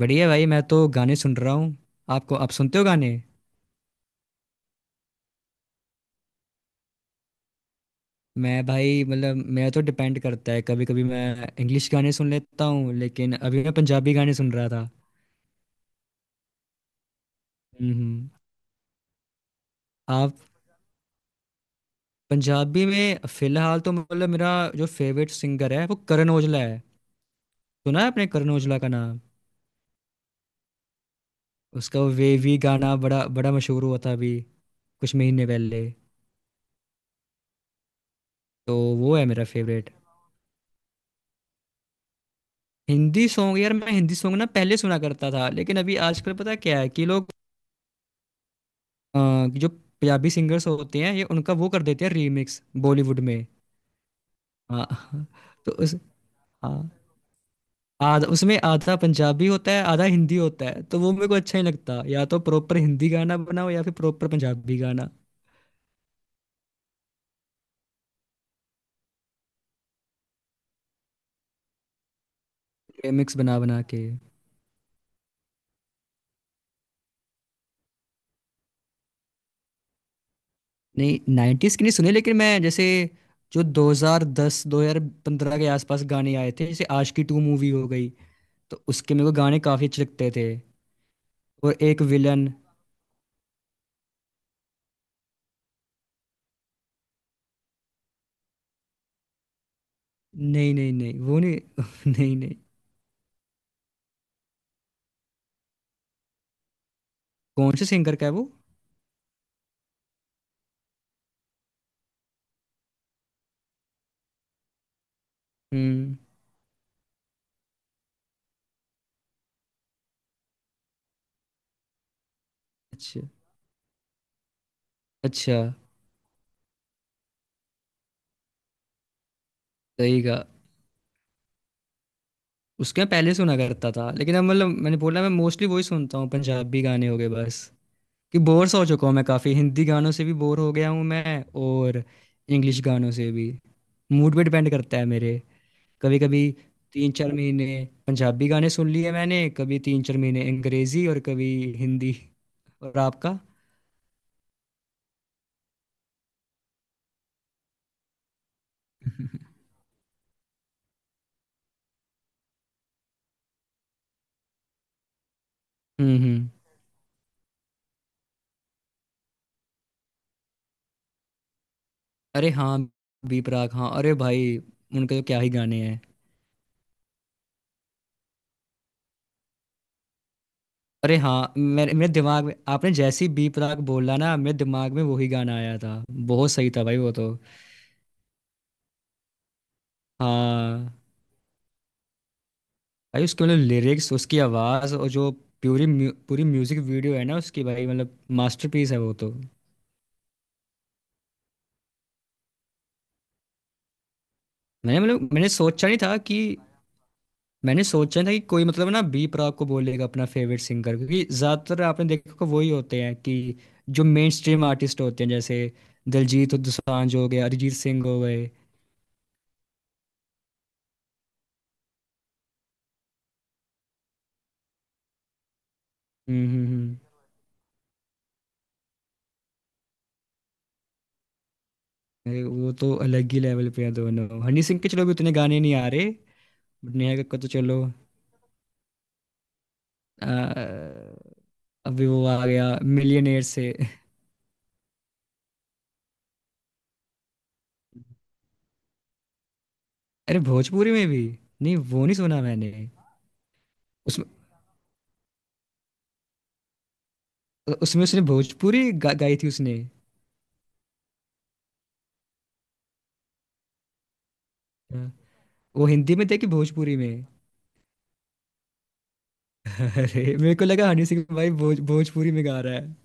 बढ़िया भाई, मैं तो गाने सुन रहा हूँ। आपको, आप सुनते हो गाने? मैं भाई, मतलब मेरा तो डिपेंड करता है। कभी कभी मैं इंग्लिश गाने सुन लेता हूँ, लेकिन अभी मैं पंजाबी गाने सुन रहा था। हम्म। आप। पंजाबी में फिलहाल तो मतलब मेरा जो फेवरेट सिंगर है, वो करण औजला है। सुना है आपने करण औजला का नाम? उसका वो वेवी गाना बड़ा बड़ा मशहूर हुआ था अभी कुछ महीने पहले। तो वो है मेरा फेवरेट। हिंदी सॉन्ग यार, मैं हिंदी सॉन्ग ना पहले सुना करता था, लेकिन अभी आजकल पता क्या है कि लोग अ, जो पंजाबी सिंगर्स होते हैं, ये उनका वो कर देते हैं रीमिक्स बॉलीवुड में। हाँ, तो उस, हाँ आधा उसमें आधा पंजाबी होता है, आधा हिंदी होता है, तो वो मेरे को अच्छा ही लगता। या तो प्रॉपर हिंदी गाना बनाओ या फिर प्रॉपर पंजाबी गाना। रिमिक्स बना बना के। नहीं, नाइन्टीज के नहीं सुने, लेकिन मैं जैसे जो 2010 2015 के आसपास गाने आए थे, जैसे आशिकी टू मूवी हो गई, तो उसके मेरे को गाने काफी अच्छे लगते थे। और एक विलन। नहीं नहीं नहीं, वो नहीं। नहीं नहीं। कौन से सिंगर का है वो? हुँ। अच्छा। अच्छा। सही कहा। उसके मैं पहले सुना करता था, लेकिन अब, मतलब मैंने बोला, मैं मोस्टली वही सुनता हूँ, पंजाबी गाने हो गए बस। कि बोर सा हो चुका हूँ मैं काफ़ी, हिंदी गानों से भी बोर हो गया हूँ मैं, और इंग्लिश गानों से भी। मूड पे डिपेंड करता है मेरे। कभी-कभी 3-4 महीने पंजाबी गाने सुन लिए मैंने, कभी 3-4 महीने अंग्रेज़ी, और कभी हिंदी। और आपका? हुँ, हुँ। अरे हाँ, बी प्राक, हाँ। अरे भाई, उनके तो क्या ही गाने हैं। अरे हाँ, मेरे मेरे दिमाग में, आपने जैसी बी प्राक बोला ना, मेरे दिमाग में वही गाना आया था। बहुत सही था भाई वो तो। हाँ भाई, उसके मतलब लिरिक्स, उसकी आवाज़, और जो पूरी म्यूजिक वीडियो है ना उसकी, भाई मतलब मास्टरपीस है वो तो। मैंने मतलब मैंने सोचा नहीं था कि मैंने सोचा नहीं था कि कोई मतलब ना बी प्राक को बोलेगा अपना फेवरेट सिंगर, क्योंकि ज़्यादातर आपने देखा होगा वही होते हैं कि जो मेन स्ट्रीम आर्टिस्ट होते हैं, जैसे दिलजीत दोसांझ हो गए, अरिजीत सिंह हो गए। हम्म हम्म, हम्म। अरे वो तो अलग ही लेवल पे है दोनों। हनी सिंह के चलो भी उतने गाने नहीं आ रहे, बट नेहा कक्कड़ तो चलो आ, अभी वो आ गया मिलियनेयर से। अरे भोजपुरी में भी? नहीं, वो नहीं सुना मैंने। उसमें, उसमें उसने गाई थी उसने। हाँ, वो हिंदी में थे कि भोजपुरी में? अरे मेरे को लगा हनी सिंह भाई भोजपुरी में गा रहा है।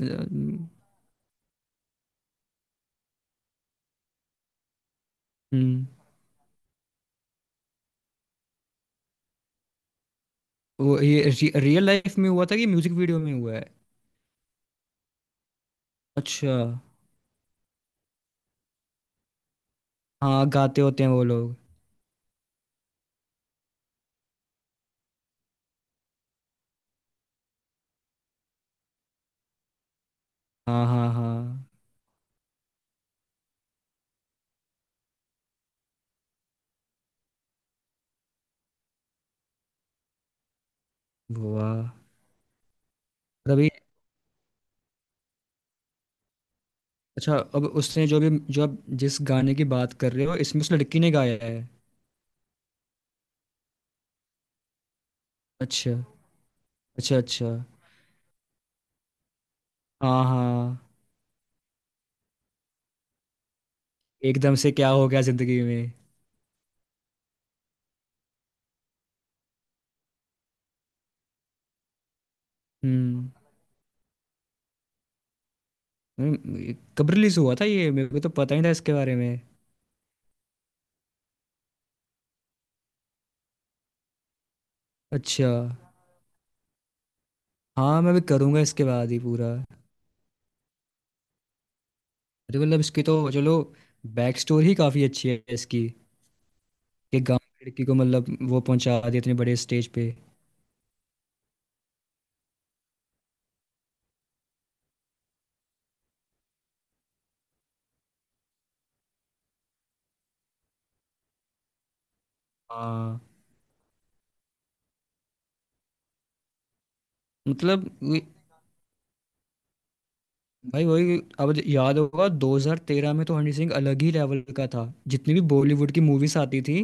हम्म हम्म, वो ये रियल लाइफ में हुआ था कि म्यूजिक वीडियो में हुआ है? अच्छा। हाँ, गाते होते हैं वो लोग। हाँ हाँ हाँ। वाह। और अभी? अच्छा, अब उसने जो भी, जो आप जिस गाने की बात कर रहे हो, इसमें उस लड़की ने गाया है? अच्छा, अच्छा, अच्छा। हाँ हाँ। एकदम से क्या हो गया जिंदगी में। हम्म कब रिलीज हुआ था ये? मेरे को तो पता ही था इसके बारे में। अच्छा। हाँ मैं भी करूँगा इसके बाद ही पूरा। अरे मतलब इसकी तो चलो बैक स्टोरी ही काफ़ी अच्छी है इसकी, कि गांव की लड़की को मतलब वो पहुंचा दिया इतने बड़े स्टेज पे। हाँ। मतलब भाई वही, अब याद होगा 2013 में तो हनी सिंह अलग ही लेवल का था। जितनी भी बॉलीवुड की मूवीज आती थी,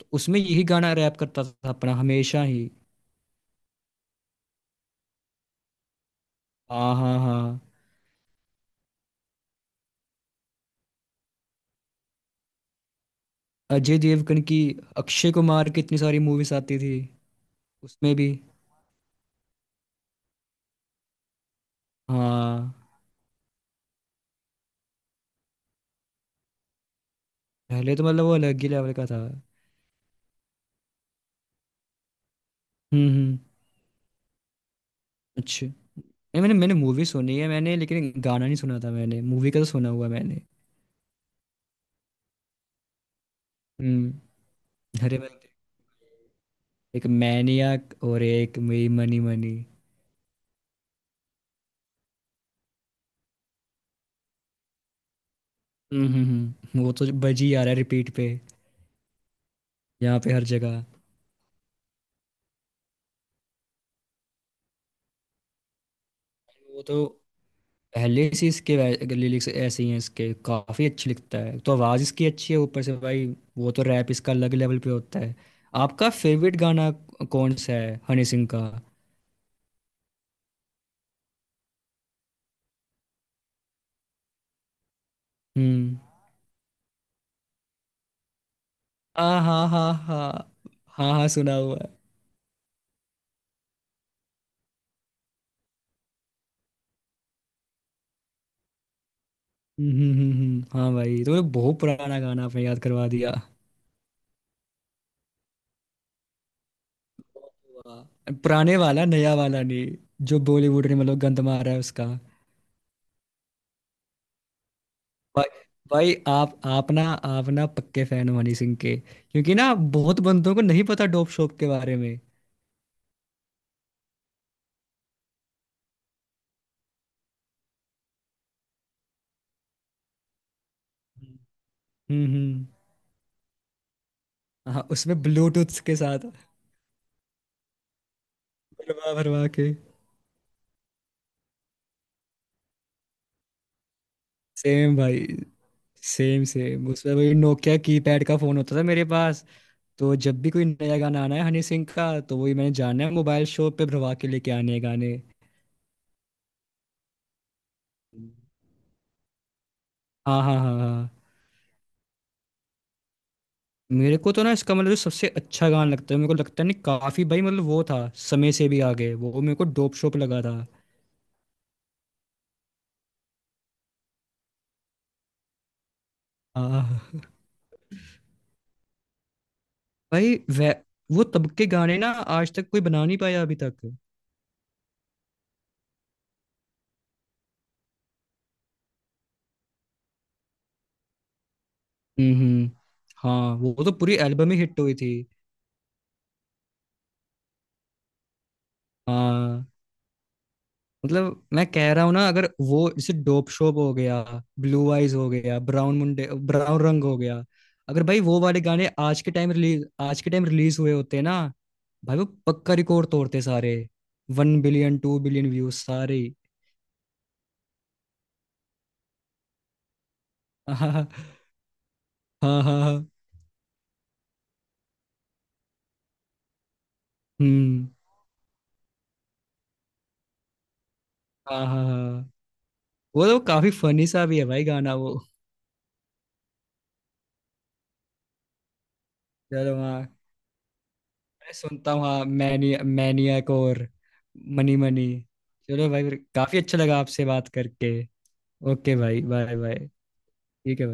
तो उसमें यही गाना रैप करता था अपना हमेशा ही। आ हाँ हाँ। अजय देवगन की, अक्षय कुमार की इतनी सारी मूवीज आती थी। उसमें भी। हाँ। पहले तो मतलब वो अलग ही लेवल का था। हम्म। अच्छा, नहीं मैंने, मैंने मूवी सुनी है मैंने, लेकिन गाना नहीं सुना था मैंने। मूवी का तो सुना हुआ मैंने। हम्म। अरे मैं, एक मैनियाक, और एक मई मनी मनी। हम्म हम्म, वो तो बज ही आ रहा है रिपीट पे, यहाँ पे हर जगह। वो तो पहले से इसके लिरिक्स ऐसे ही हैं इसके। काफ़ी अच्छी लिखता है, तो आवाज़ इसकी अच्छी है ऊपर से भाई। वो तो रैप इसका अलग लेवल पे होता है। आपका फेवरेट गाना कौन सा है हनी सिंह का? हम्म। आ हा हा हा। हाँ हाँ, सुना हुआ है। हाँ भाई, तो ये बहुत पुराना गाना आपने याद करवा दिया। वाह। पुराने वाला? नया वाला नहीं जो बॉलीवुड ने मतलब गंद मारा है उसका? भाई, भाई आप ना, आप ना पक्के फैन हो हनी सिंह के, क्योंकि ना बहुत बंदों को नहीं पता डोप शोप के बारे में। हम्म। हाँ, उसमें ब्लूटूथ के साथ भरवा भरवा के। सेम भाई, सेम सेम। उसमें वही नोकिया कीपैड का फोन होता था मेरे पास। तो जब भी कोई नया गाना आना है हनी सिंह का, तो वही मैंने जाना है मोबाइल शॉप पे, भरवा के लेके आने हैं गाने। हाँ हाँ हाँ हाँ। मेरे को तो ना इसका, मतलब जो सबसे अच्छा गाना लगता है मेरे को, लगता है नहीं, काफी भाई, मतलब वो था समय से भी आगे, वो मेरे को डोप शोप लगा था। आह। भाई वे, वो तब के गाने ना आज तक कोई बना नहीं पाया अभी तक। हम्म। हाँ, वो तो पूरी एल्बम ही हिट हुई थी। हाँ मतलब मैं कह रहा हूँ ना, अगर वो जैसे डोप शोप हो गया, ब्लू आइज हो गया, ब्राउन मुंडे, ब्राउन रंग हो गया, अगर भाई वो वाले गाने आज के टाइम रिलीज, आज के टाइम रिलीज हुए होते ना, भाई वो पक्का रिकॉर्ड तोड़ते सारे। One billion, two billion views सारे। हाँ हाँ हाँ हाँ हाँ, हम्म। हाँ हाँ हाँ, वो तो काफी फनी सा भी है भाई गाना वो। चलो हाँ, मैं सुनता हूँ हाँ, मैनी मैनियक और मनी मनी। चलो भाई, फिर काफी अच्छा लगा आपसे बात करके। ओके भाई, बाय बाय। ठीक है भाई।